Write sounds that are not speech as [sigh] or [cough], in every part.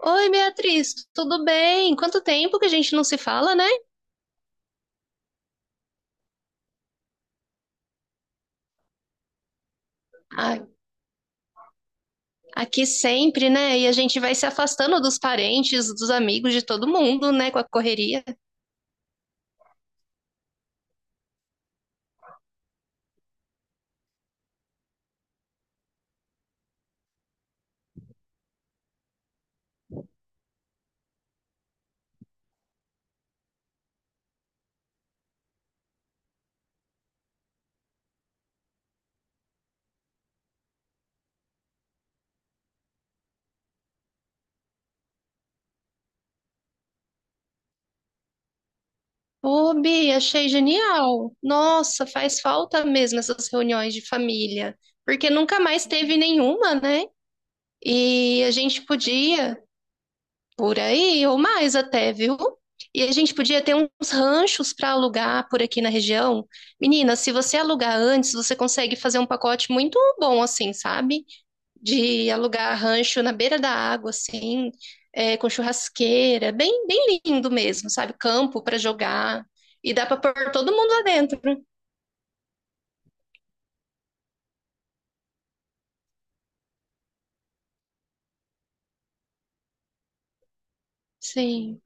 Oi, Beatriz, tudo bem? Quanto tempo que a gente não se fala, né? A- Aqui sempre, né? E a gente vai se afastando dos parentes, dos amigos, de todo mundo, né? Com a correria. Ô, Bi, achei genial. Nossa, faz falta mesmo essas reuniões de família, porque nunca mais teve nenhuma, né? E a gente podia. Por aí, ou mais até, viu? E a gente podia ter uns ranchos para alugar por aqui na região. Menina, se você alugar antes, você consegue fazer um pacote muito bom, assim, sabe? De alugar rancho na beira da água, assim, com churrasqueira, bem, bem lindo mesmo, sabe? Campo para jogar. E dá para pôr todo mundo lá dentro. Sim.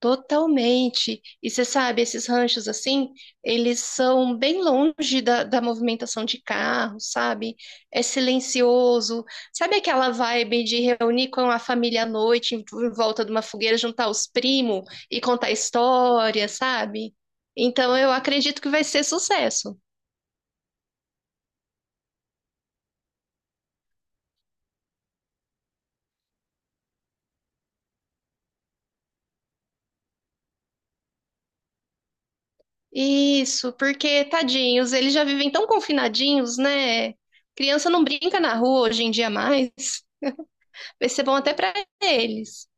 Totalmente. E você sabe, esses ranchos assim, eles são bem longe da movimentação de carro, sabe? É silencioso. Sabe aquela vibe de reunir com a família à noite, em volta de uma fogueira, juntar os primos e contar história, sabe? Então eu acredito que vai ser sucesso. Isso, porque tadinhos, eles já vivem tão confinadinhos, né? Criança não brinca na rua hoje em dia mais. Vai ser bom até para eles.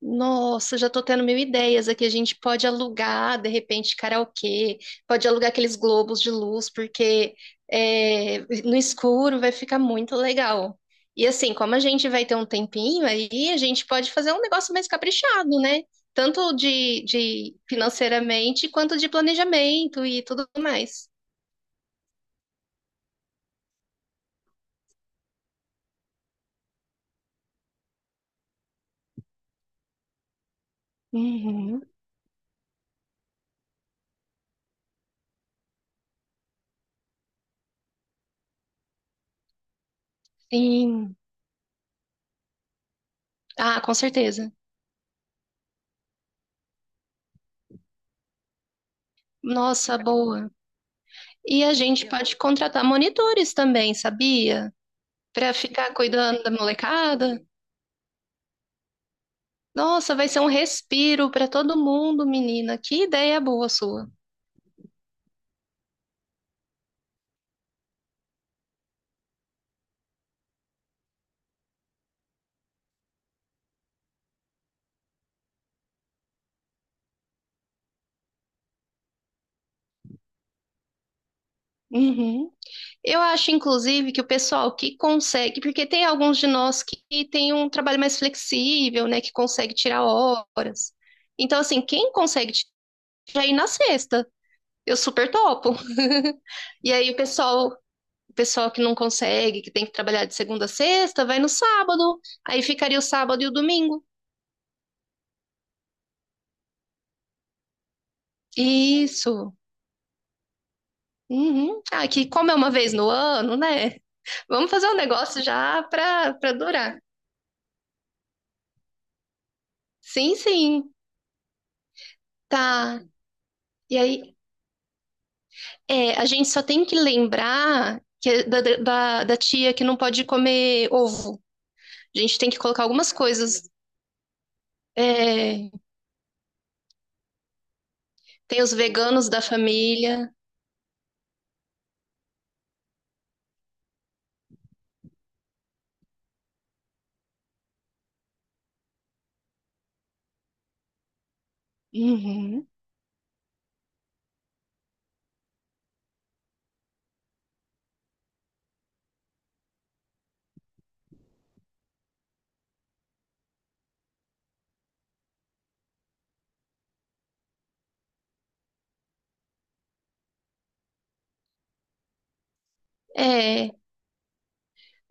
Nossa, já tô tendo mil ideias aqui. A gente pode alugar, de repente, karaokê, pode alugar aqueles globos de luz, porque no escuro vai ficar muito legal. E assim, como a gente vai ter um tempinho aí, a gente pode fazer um negócio mais caprichado, né? Tanto de financeiramente quanto de planejamento e tudo mais. Uhum, sim. Ah, com certeza. Nossa, boa. E a gente pode contratar monitores também, sabia? Para ficar cuidando da molecada? Nossa, vai ser um respiro para todo mundo, menina. Que ideia boa sua. Uhum. Eu acho, inclusive, que o pessoal que consegue, porque tem alguns de nós que tem um trabalho mais flexível, né, que consegue tirar horas. Então, assim, quem consegue tirar aí na sexta, eu super topo. E aí o pessoal que não consegue, que tem que trabalhar de segunda a sexta, vai no sábado. Aí ficaria o sábado e o domingo. Isso. Uhum. Ah, que como é uma vez no ano, né? Vamos fazer um negócio já pra durar. Sim, sim, tá. E aí, a gente só tem que lembrar que é da tia que não pode comer ovo. A gente tem que colocar algumas coisas. É, tem os veganos da família. Uhum. É,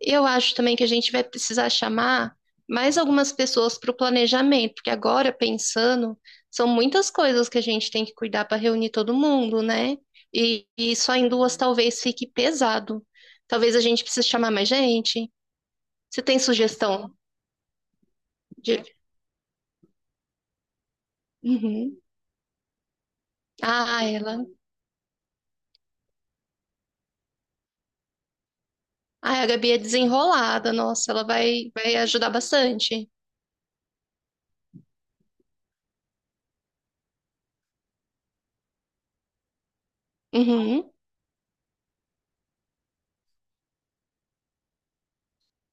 eu acho também que a gente vai precisar chamar mais algumas pessoas para o planejamento, porque agora, pensando, são muitas coisas que a gente tem que cuidar para reunir todo mundo, né? E só em duas talvez fique pesado. Talvez a gente precise chamar mais gente. Você tem sugestão de. Uhum. Ah, ela. Ah, a Gabi é desenrolada, nossa, vai ajudar bastante. Uhum.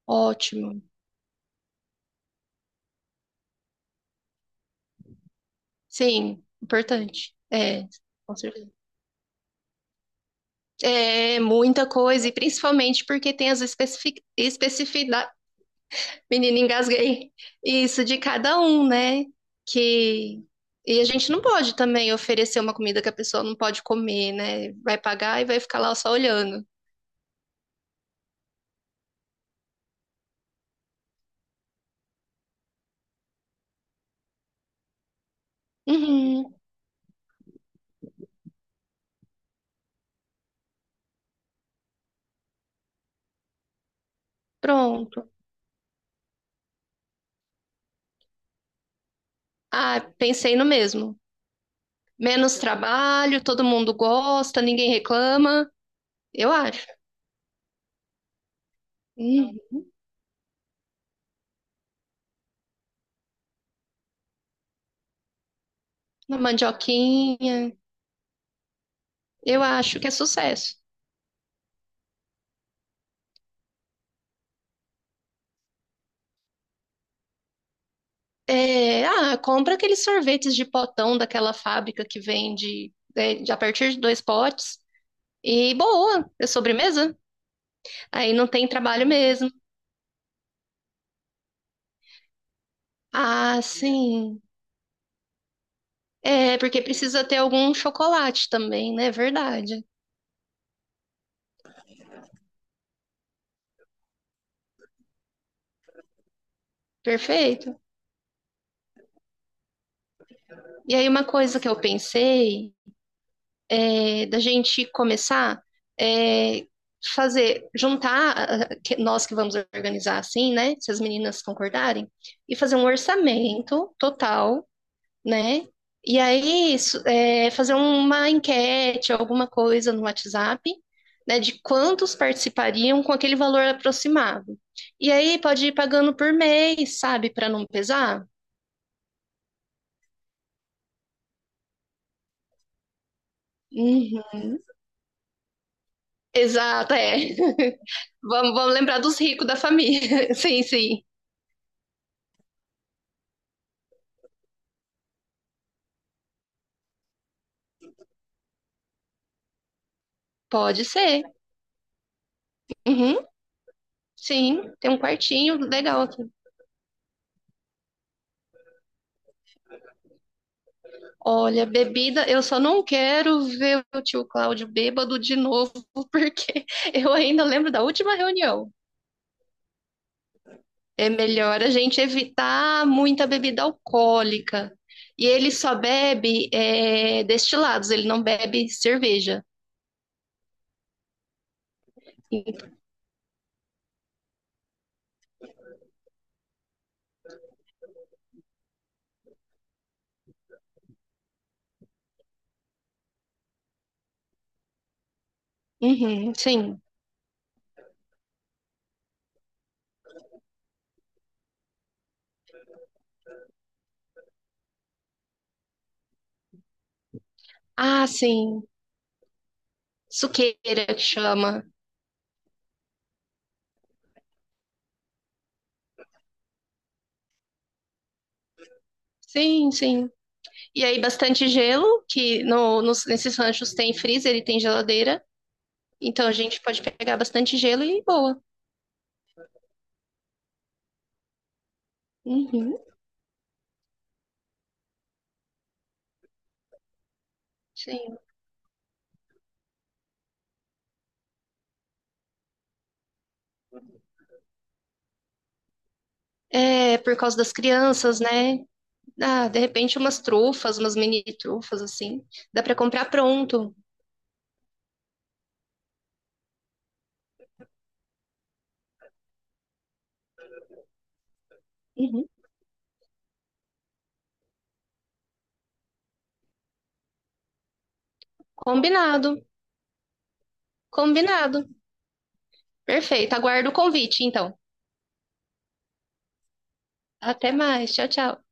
Ótimo. Sim, importante. É, com certeza. É muita coisa, e principalmente porque tem as especificidades. Menina, engasguei. Isso de cada um, né? Que. E a gente não pode também oferecer uma comida que a pessoa não pode comer, né? Vai pagar e vai ficar lá só olhando. Uhum, pronto. Ah, pensei no mesmo. Menos trabalho, todo mundo gosta, ninguém reclama. Eu acho. Hum, uma mandioquinha. Eu acho que é sucesso. É, ah, compra aqueles sorvetes de potão daquela fábrica que vende a partir de dois potes. E boa, é sobremesa. Aí não tem trabalho mesmo. Ah, sim. É, porque precisa ter algum chocolate também, né? Verdade. Perfeito. E aí, uma coisa que eu pensei é da gente começar é fazer, juntar nós que vamos organizar assim, né? Se as meninas concordarem, e fazer um orçamento total, né? E aí fazer uma enquete, alguma coisa no WhatsApp, né, de quantos participariam com aquele valor aproximado. E aí pode ir pagando por mês, sabe, para não pesar. Uhum. Exato, é. [laughs] Vamos lembrar dos ricos da família. [laughs] Sim, sim. Pode ser. Uhum, sim, tem um quartinho legal aqui. Olha, bebida, eu só não quero ver o tio Cláudio bêbado de novo, [laughs] porque eu ainda lembro da última reunião. É melhor a gente evitar muita bebida alcoólica. E ele só bebe destilados, ele não bebe cerveja. Uhum, sim. Ah, sim. Suqueira que chama. Sim, sim. E aí, bastante gelo, que no, nos- nesses ranchos tem freezer e tem geladeira. Então a gente pode pegar bastante gelo e boa. Uhum. Sim. É, por causa das crianças, né? Ah, de repente umas trufas, umas mini trufas, assim. Dá pra comprar pronto. Uhum. Combinado. Combinado. Perfeito. Aguardo o convite, então. Até mais. Tchau, tchau.